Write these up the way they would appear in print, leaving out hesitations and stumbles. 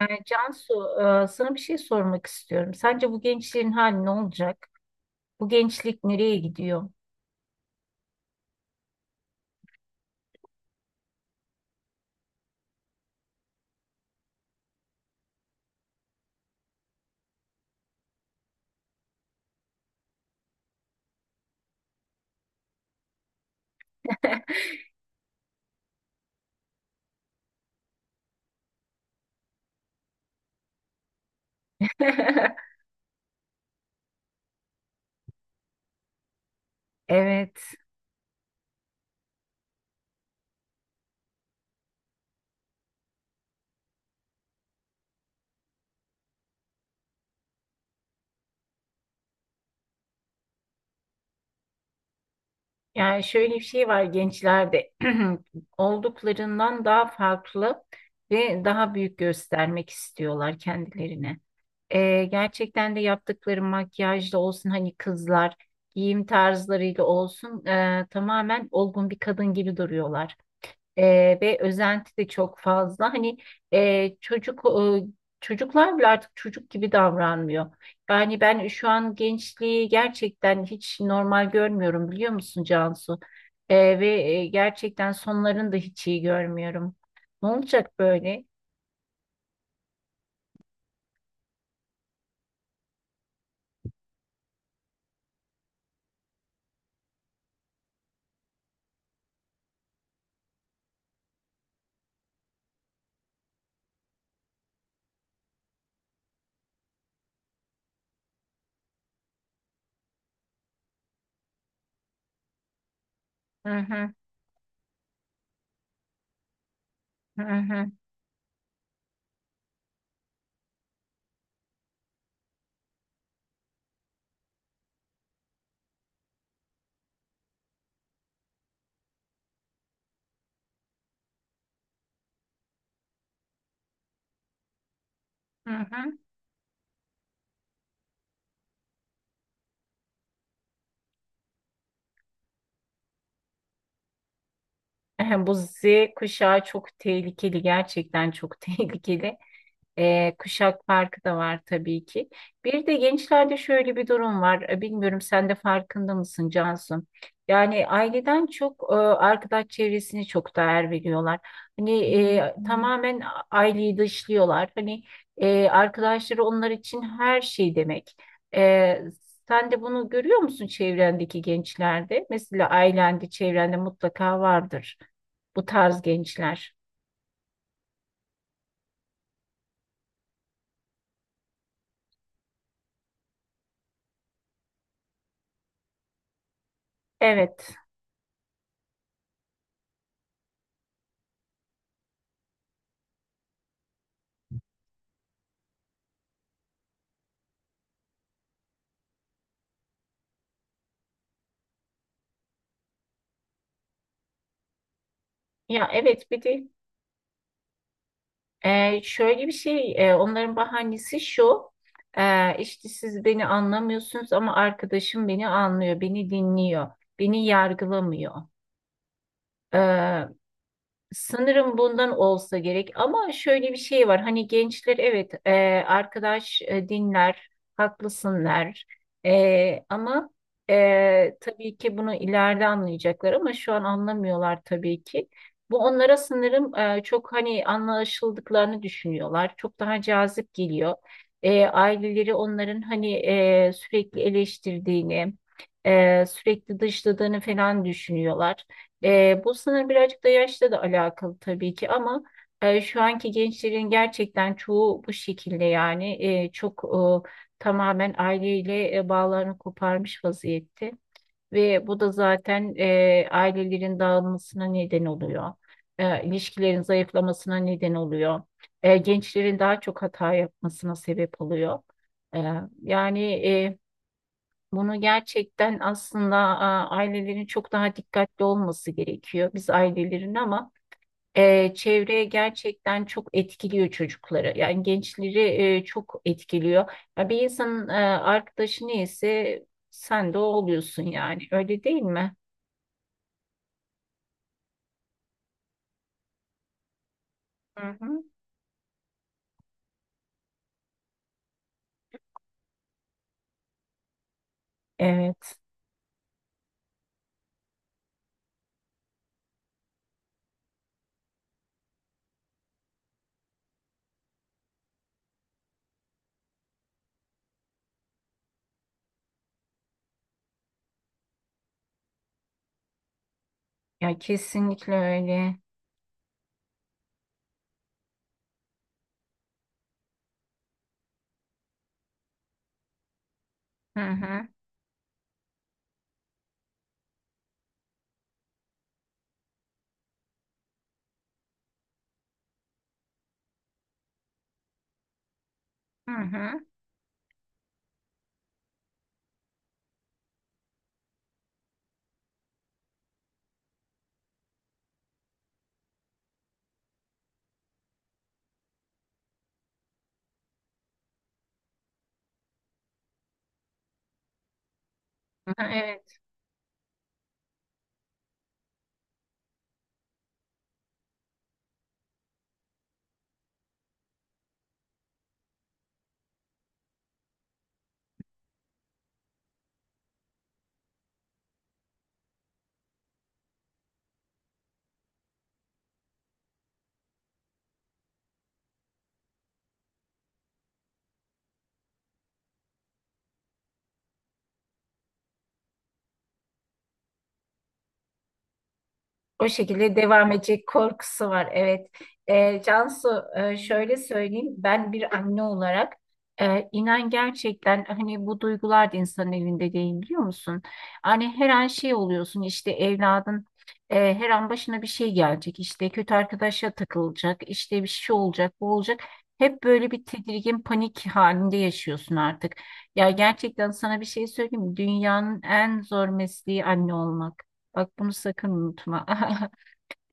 Yani Cansu, sana bir şey sormak istiyorum. Sence bu gençlerin hali ne olacak? Bu gençlik nereye gidiyor? Evet. Yani şöyle bir şey var gençlerde, olduklarından daha farklı ve daha büyük göstermek istiyorlar kendilerini. Gerçekten de yaptıkları makyajla olsun, hani kızlar giyim tarzlarıyla olsun, tamamen olgun bir kadın gibi duruyorlar. Ve özenti de çok fazla. Hani çocuklar bile artık çocuk gibi davranmıyor. Yani ben şu an gençliği gerçekten hiç normal görmüyorum, biliyor musun Cansu? Ve gerçekten sonlarını da hiç iyi görmüyorum. Ne olacak böyle? Hı hı, hı hı, hı hı. Bu Z kuşağı çok tehlikeli, gerçekten çok tehlikeli. Kuşak farkı da var tabii ki. Bir de gençlerde şöyle bir durum var. Bilmiyorum, sen de farkında mısın Cansu? Yani aileden çok arkadaş çevresini çok değer veriyorlar. Hani tamamen aileyi dışlıyorlar. Hani arkadaşları onlar için her şey demek. E, sen de bunu görüyor musun çevrendeki gençlerde? Mesela ailende, çevrende mutlaka vardır bu tarz gençler. Evet. Ya evet, bir de şöyle bir şey, onların bahanesi şu, işte siz beni anlamıyorsunuz ama arkadaşım beni anlıyor, beni dinliyor, beni yargılamıyor. Sanırım bundan olsa gerek, ama şöyle bir şey var, hani gençler, evet, arkadaş dinler, haklısınlar. Ama tabii ki bunu ileride anlayacaklar ama şu an anlamıyorlar tabii ki. Bu onlara sanırım, çok hani anlaşıldıklarını düşünüyorlar, çok daha cazip geliyor. Aileleri onların hani sürekli eleştirdiğini, sürekli dışladığını falan düşünüyorlar. Bu sınır birazcık da yaşla da alakalı tabii ki, ama şu anki gençlerin gerçekten çoğu bu şekilde, yani çok tamamen aileyle bağlarını koparmış vaziyette, ve bu da zaten ailelerin dağılmasına neden oluyor. İlişkilerin zayıflamasına neden oluyor. Gençlerin daha çok hata yapmasına sebep oluyor. E, yani bunu gerçekten aslında, ailelerin çok daha dikkatli olması gerekiyor. Biz ailelerin ama çevreye gerçekten çok etkiliyor çocukları. Yani gençleri çok etkiliyor. Ya bir insanın arkadaşı neyse sen de o oluyorsun yani. Öyle değil mi? Hı hı. Evet. Ya kesinlikle öyle. Hı hı. Hı hı. Hı hı. Evet. O şekilde devam edecek korkusu var. Evet. Cansu, şöyle söyleyeyim. Ben bir anne olarak inan gerçekten, hani bu duygular da insanın elinde değil, biliyor musun? Hani her an şey oluyorsun, işte evladın her an başına bir şey gelecek. İşte kötü arkadaşa takılacak. İşte bir şey olacak, bu olacak. Hep böyle bir tedirgin panik halinde yaşıyorsun artık. Ya gerçekten sana bir şey söyleyeyim mi? Dünyanın en zor mesleği anne olmak. Bak bunu sakın unutma.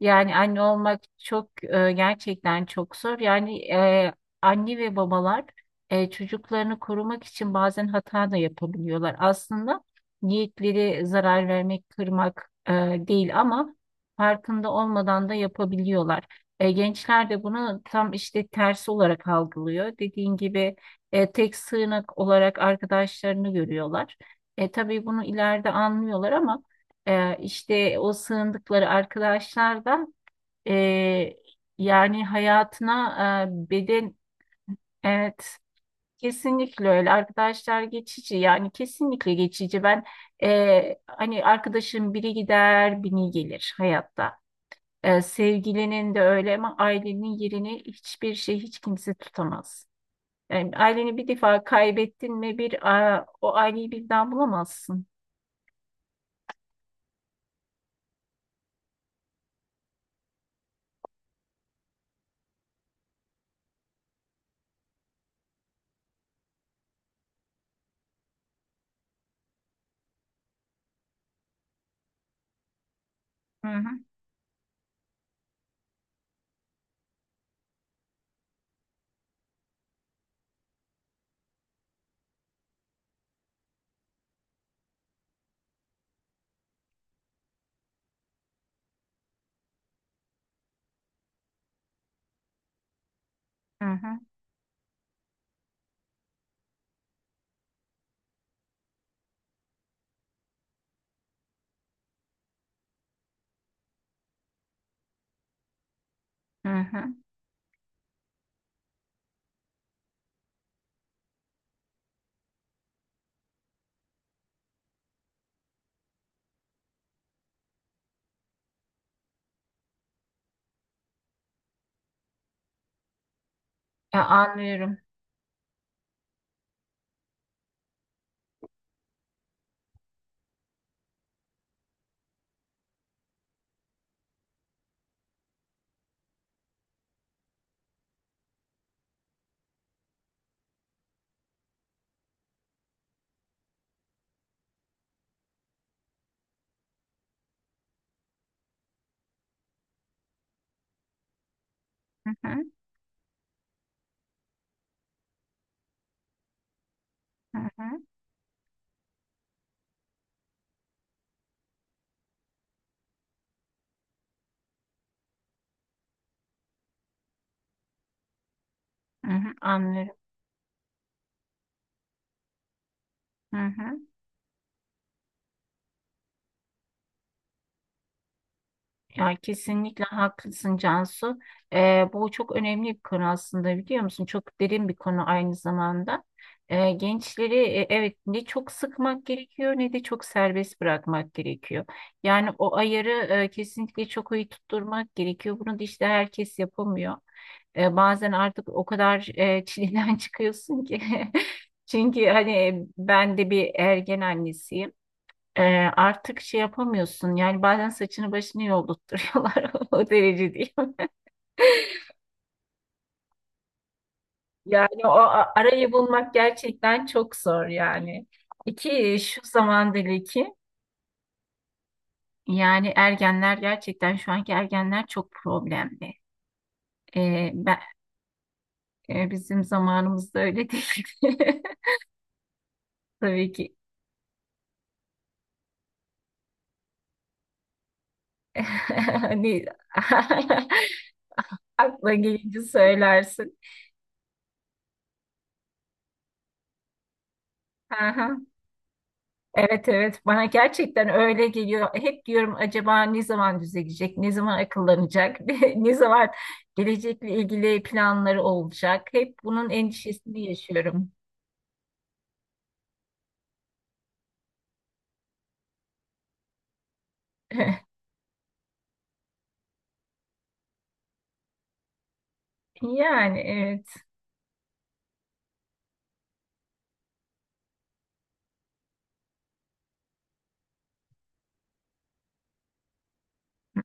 Yani anne olmak çok, gerçekten çok zor. Yani anne ve babalar çocuklarını korumak için bazen hata da yapabiliyorlar. Aslında niyetleri zarar vermek, kırmak değil, ama farkında olmadan da yapabiliyorlar. Gençler de bunu tam işte tersi olarak algılıyor. Dediğin gibi tek sığınak olarak arkadaşlarını görüyorlar. Tabii bunu ileride anlıyorlar, ama işte o sığındıkları arkadaşlardan, e, yani hayatına beden, evet, kesinlikle öyle, arkadaşlar geçici yani, kesinlikle geçici. Ben hani arkadaşım biri gider biri gelir hayatta. Sevgilinin de öyle, ama ailenin yerini hiçbir şey, hiç kimse tutamaz. Yani aileni bir defa kaybettin mi, bir o aileyi birden bulamazsın. Hı hı, hı hı, hı hı. Ya, anlıyorum. Hı hı. Hı hı, hı hı, anlıyorum. Hı hı. Ya kesinlikle haklısın Cansu. Bu çok önemli bir konu aslında, biliyor musun? Çok derin bir konu aynı zamanda. Gençleri evet, ne çok sıkmak gerekiyor ne de çok serbest bırakmak gerekiyor. Yani o ayarı kesinlikle çok iyi tutturmak gerekiyor. Bunu da işte herkes yapamıyor. Bazen artık o kadar çileden çıkıyorsun ki. Çünkü hani ben de bir ergen annesiyim. Ee, artık şey yapamıyorsun. Yani bazen saçını başını yoldurtturuyorlar, o derece değil. Yani o arayı bulmak gerçekten çok zor yani. İki şu zamandaki, yani ergenler, gerçekten şu anki ergenler çok problemli. Ben, bizim zamanımızda öyle değildi. Tabii ki. Hani, aklına gelince söylersin. Aha. Evet evet, bana gerçekten öyle geliyor. Hep diyorum, acaba ne zaman düzelecek, ne zaman akıllanacak, ne zaman gelecekle ilgili planları olacak. Hep bunun endişesini yaşıyorum. Yani evet.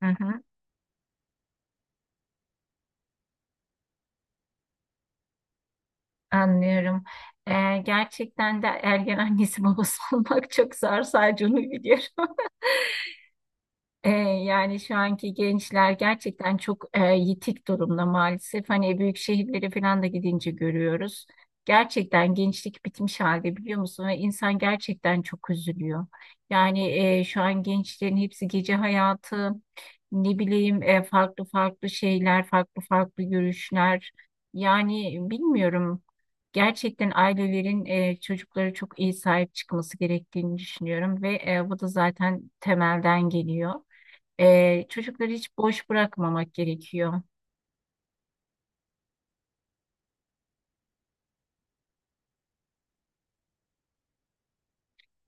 Hı hı, anlıyorum. Gerçekten de ergen annesi babası olmak çok zor, sadece onu biliyorum. Yani şu anki gençler gerçekten çok yitik durumda maalesef. Hani büyük şehirlere falan da gidince görüyoruz. Gerçekten gençlik bitmiş halde, biliyor musun? Ve insan gerçekten çok üzülüyor. Yani şu an gençlerin hepsi gece hayatı, ne bileyim, farklı farklı şeyler, farklı farklı görüşler. Yani bilmiyorum. Gerçekten ailelerin çocuklara çok iyi sahip çıkması gerektiğini düşünüyorum, ve bu da zaten temelden geliyor. Çocukları hiç boş bırakmamak gerekiyor.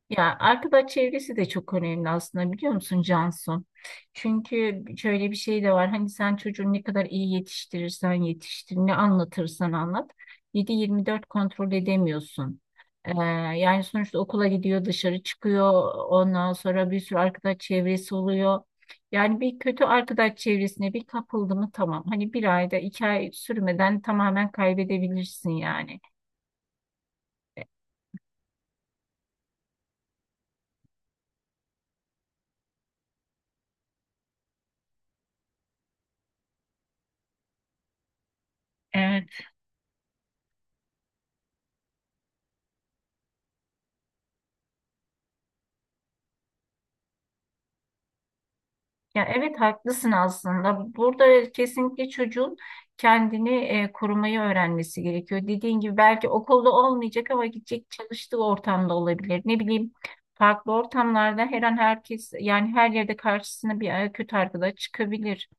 Ya arkadaş çevresi de çok önemli aslında, biliyor musun Cansu? Çünkü şöyle bir şey de var. Hani sen çocuğu ne kadar iyi yetiştirirsen yetiştir, ne anlatırsan anlat. 7-24 kontrol edemiyorsun. Ee, yani sonuçta okula gidiyor, dışarı çıkıyor. Ondan sonra bir sürü arkadaş çevresi oluyor. Yani bir kötü arkadaş çevresine bir kapıldı mı tamam. Hani bir ayda 2 ay sürmeden tamamen kaybedebilirsin yani. E, Evet. Ya evet, haklısın aslında. Burada kesinlikle çocuğun kendini korumayı öğrenmesi gerekiyor. Dediğin gibi belki okulda olmayacak ama gidecek, çalıştığı ortamda olabilir. Ne bileyim, farklı ortamlarda her an, herkes yani her yerde karşısına bir kötü arkadaş çıkabilir.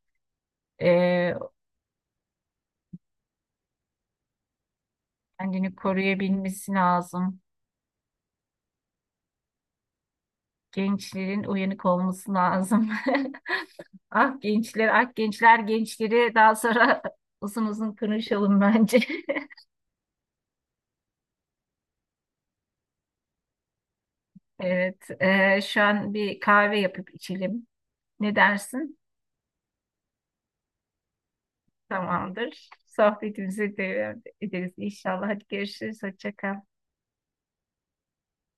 E, kendini koruyabilmesi lazım. Gençlerin uyanık olması lazım. Ah gençler, ah gençler, gençleri daha sonra uzun uzun konuşalım bence. Evet, şu an bir kahve yapıp içelim. Ne dersin? Tamamdır. Sohbetimizi devam ederiz inşallah. Hadi görüşürüz. Hoşça kal.